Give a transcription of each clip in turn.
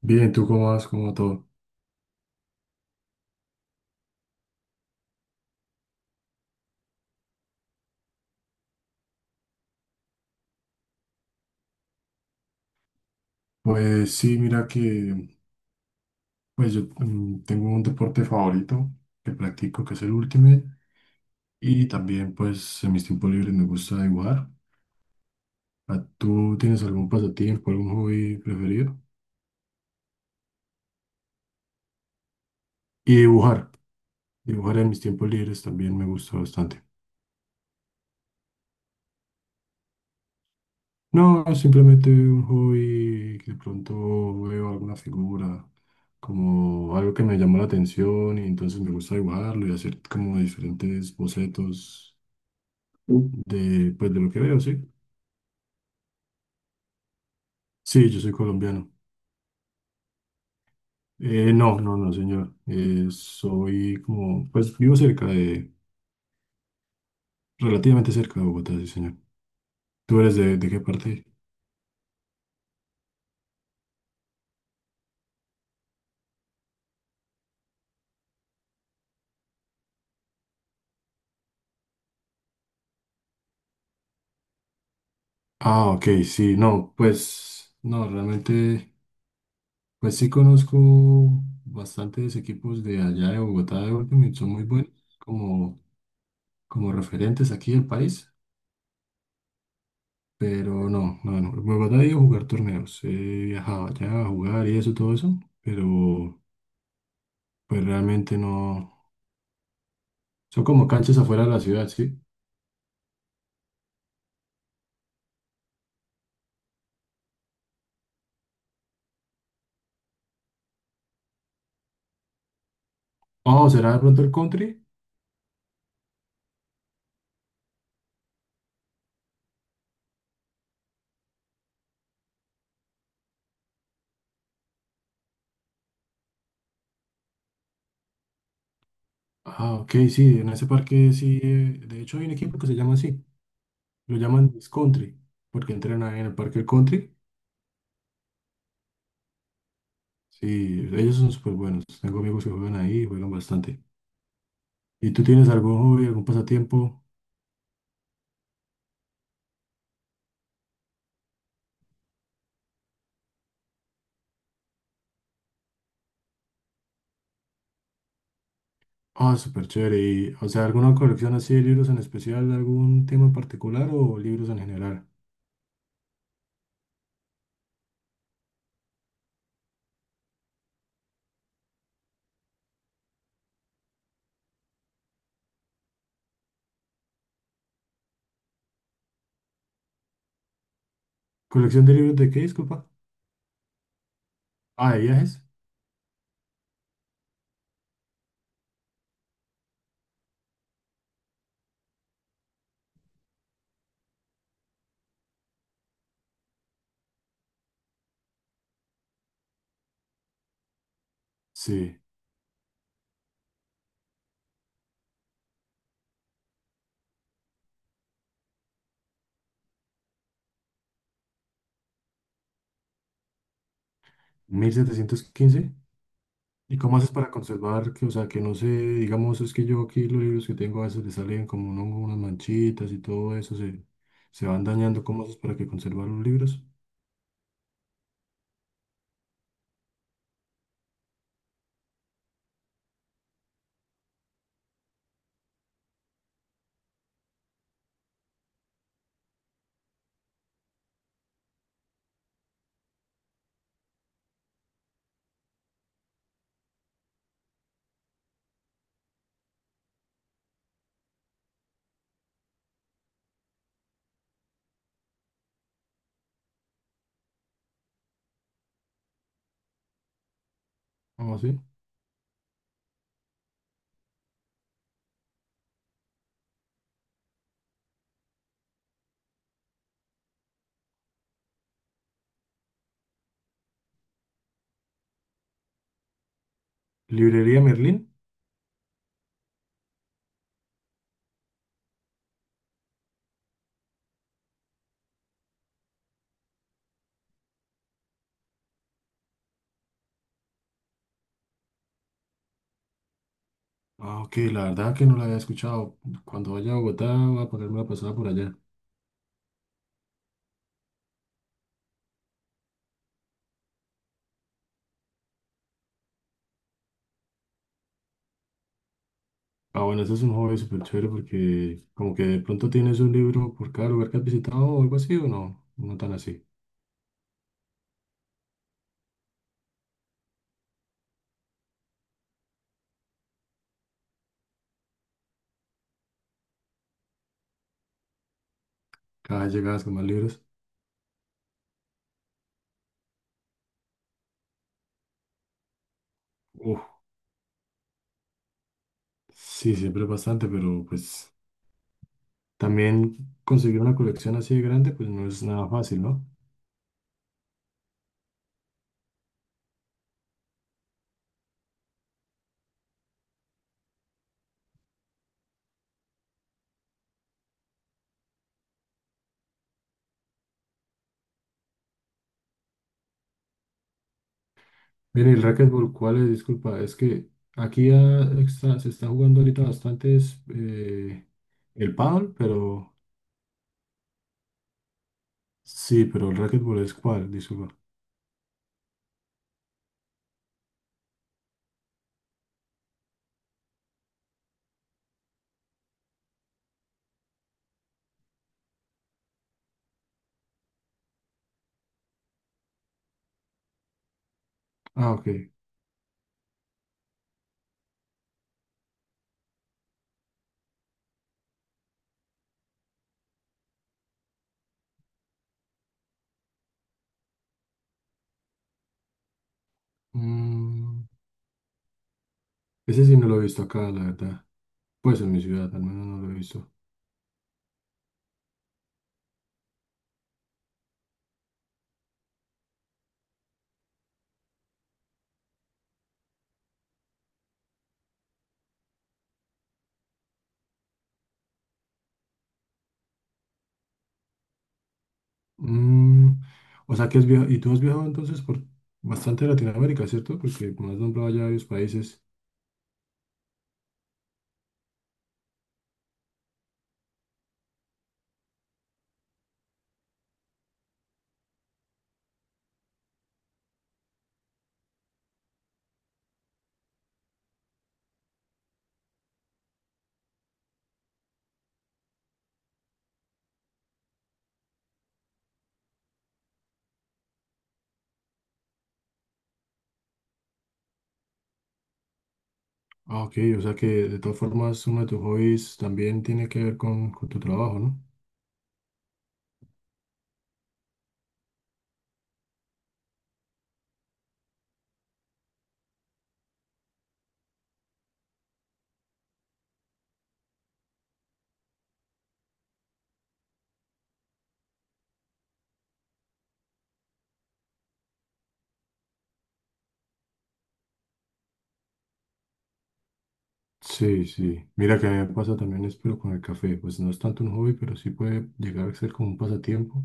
Bien, ¿tú cómo vas? ¿Cómo va todo? Pues sí, mira que pues yo tengo un deporte favorito que practico, que es el Ultimate, y también pues en mis tiempos libres me gusta dibujar. ¿Tú tienes algún pasatiempo, algún hobby preferido? Y dibujar, dibujar en mis tiempos libres también me gusta bastante. No, simplemente un hobby que de pronto veo alguna figura, como algo que me llamó la atención y entonces me gusta dibujarlo y hacer como diferentes bocetos. De, pues de lo que veo, sí. Sí, yo soy colombiano. No, no, no, señor. Soy como, pues vivo cerca de, relativamente cerca de Bogotá, sí, señor. ¿Tú eres de qué parte? Ah, ok, sí, no, pues, no, realmente, pues sí conozco bastantes equipos de allá de Bogotá de Ultimate, son muy buenos como, como referentes aquí del país, pero no, no, no, en Bogotá he ido a jugar torneos, he viajado allá a jugar y eso, todo eso, pero... Pues realmente no. Son como canchas afuera de la ciudad, ¿sí? Oh, ¿será de pronto el country? Ah, ok, sí, en ese parque sí. Eh, de hecho, hay un equipo que se llama así. Lo llaman Miss Country, porque entrenan ahí en el parque del country. Sí, ellos son súper buenos. Tengo amigos que juegan ahí y juegan bastante. ¿Y tú tienes algún hobby, algún pasatiempo? Ah, súper chévere. Y, o sea, ¿alguna colección así de libros en especial, algún tema en particular o libros en general? ¿Colección de libros de qué, disculpa? Ah, de viajes. Sí, 1715. ¿Y cómo haces para conservar que, o sea, que no se, digamos, es que yo aquí los libros que tengo a veces le salen como un hongo, unas manchitas y todo eso, se van dañando. ¿Cómo haces para que conservar los libros? ¿Cómo así? ¿Librería Merlín? Ah, ok, la verdad que no la había escuchado. Cuando vaya a Bogotá voy a ponerme la pasada por allá. Ah, bueno, ese es un hobby súper chévere porque como que de pronto tienes un libro por cada lugar que has visitado o algo así, o no, no tan así. Cada vez llegadas con más libros. Uf, sí, siempre es bastante, pero pues... También conseguir una colección así de grande, pues no es nada fácil, ¿no? Mire, el racquetball, ¿cuál es? Disculpa, es que aquí ya se está jugando ahorita bastante es, el pádel, pero sí, pero el racquetball es cuál, disculpa. Ah, ok. Mm, ese sí no lo he visto acá, la verdad. Pues en mi ciudad, al menos no lo he visto. Mm, o sea que has viajado, y tú has viajado entonces por bastante Latinoamérica, ¿cierto? Porque me has nombrado ya varios países. Ah, ok, o sea que de todas formas uno de tus hobbies también tiene que ver con tu trabajo, ¿no? Sí, sí. Mira que a mí me pasa también es pero con el café. Pues no es tanto un hobby, pero sí puede llegar a ser como un pasatiempo.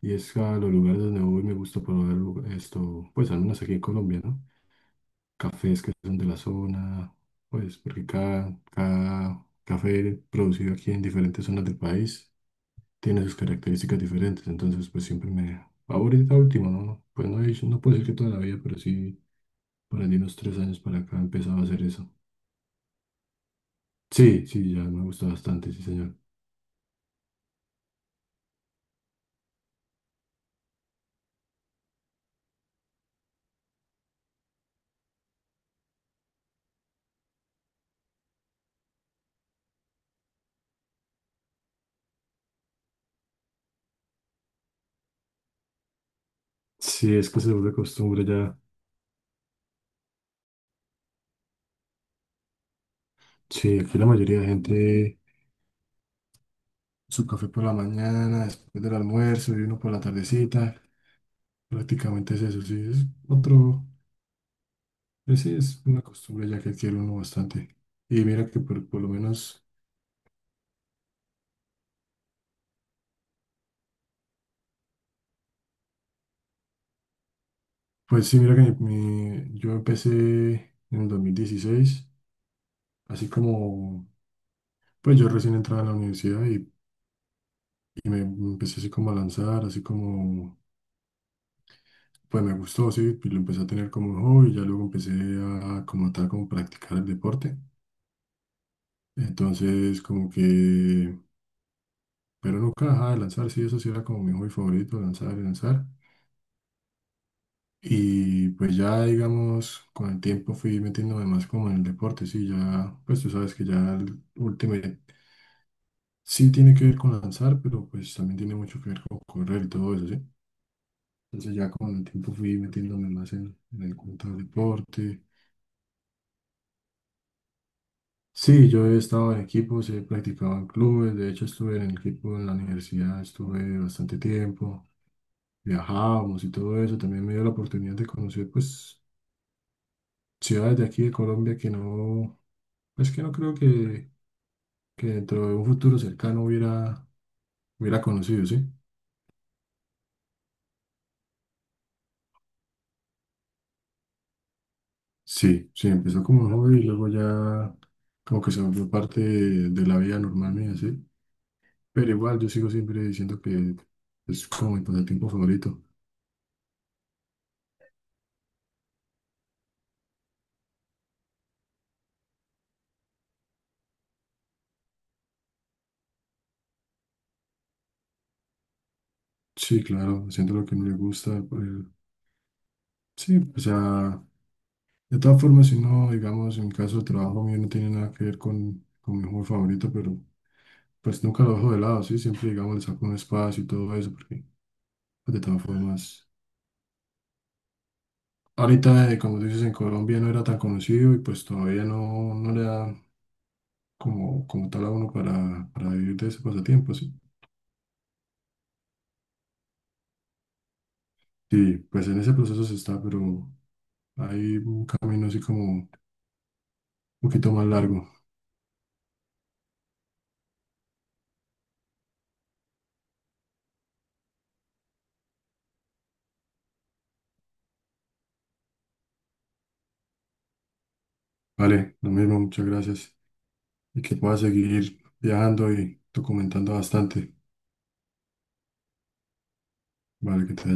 Y es a los lugares donde voy me gusta probar esto, pues al menos aquí en Colombia, ¿no? Cafés que son de la zona, pues porque cada, cada café producido aquí en diferentes zonas del país tiene sus características diferentes. Entonces, pues siempre me... Ahorita último, ¿no? Pues no, no puedo decir que toda la vida, pero sí por ahí de unos tres años para acá empezaba a hacer eso. Sí, sí, ya me gusta bastante, sí, señor. Sí, es que se vuelve costumbre ya. Sí, aquí la mayoría de gente, su café por la mañana, después del almuerzo y uno por la tardecita. Prácticamente es eso, sí, es otro, es, sí, es una costumbre ya que adquiere uno bastante. Y mira que por lo menos, pues sí, mira que yo empecé en el 2016 así como, pues yo recién entraba a la universidad y me empecé así como a lanzar, así como... Pues me gustó, sí, y lo empecé a tener como un hobby, ya luego empecé a como tal, como practicar el deporte. Entonces, como que, pero nunca dejaba de lanzar, sí, eso sí era como mi hobby favorito, lanzar y lanzar. Y pues ya, digamos, con el tiempo fui metiéndome más como en el deporte, sí, ya, pues tú sabes que ya el Ultimate sí tiene que ver con lanzar, pero pues también tiene mucho que ver con correr y todo eso, sí. Entonces ya con el tiempo fui metiéndome más en el cuento del deporte. Sí, yo he estado en equipos, he practicado en clubes, de hecho estuve en el equipo en la universidad, estuve bastante tiempo, viajábamos y todo eso, también me dio la oportunidad de conocer pues ciudades de aquí de Colombia que no, pues que no creo que dentro de un futuro cercano hubiera, hubiera conocido, ¿sí? Sí, sí, empezó como un hobby y luego ya como que se volvió parte de la vida normal mía, ¿sí? Pero igual yo sigo siempre diciendo que es como mi pasatiempo favorito. Sí, claro, haciendo lo que no le gusta. Sí, o sea, de todas formas, si no, digamos, en mi caso el trabajo mío no tiene nada que ver con mi juego favorito, pero pues nunca lo dejo de lado, ¿sí? Siempre, digamos, le saco un espacio y todo eso, porque pues, de todas formas, ahorita, como tú dices, en Colombia no era tan conocido y pues todavía no, no le da como, como tal a uno para vivir de ese pasatiempo, ¿sí? Sí, pues en ese proceso se está, pero hay un camino así como un poquito más largo. Vale, lo mismo, muchas gracias. Y que puedas seguir viajando y documentando bastante. Vale, que te vaya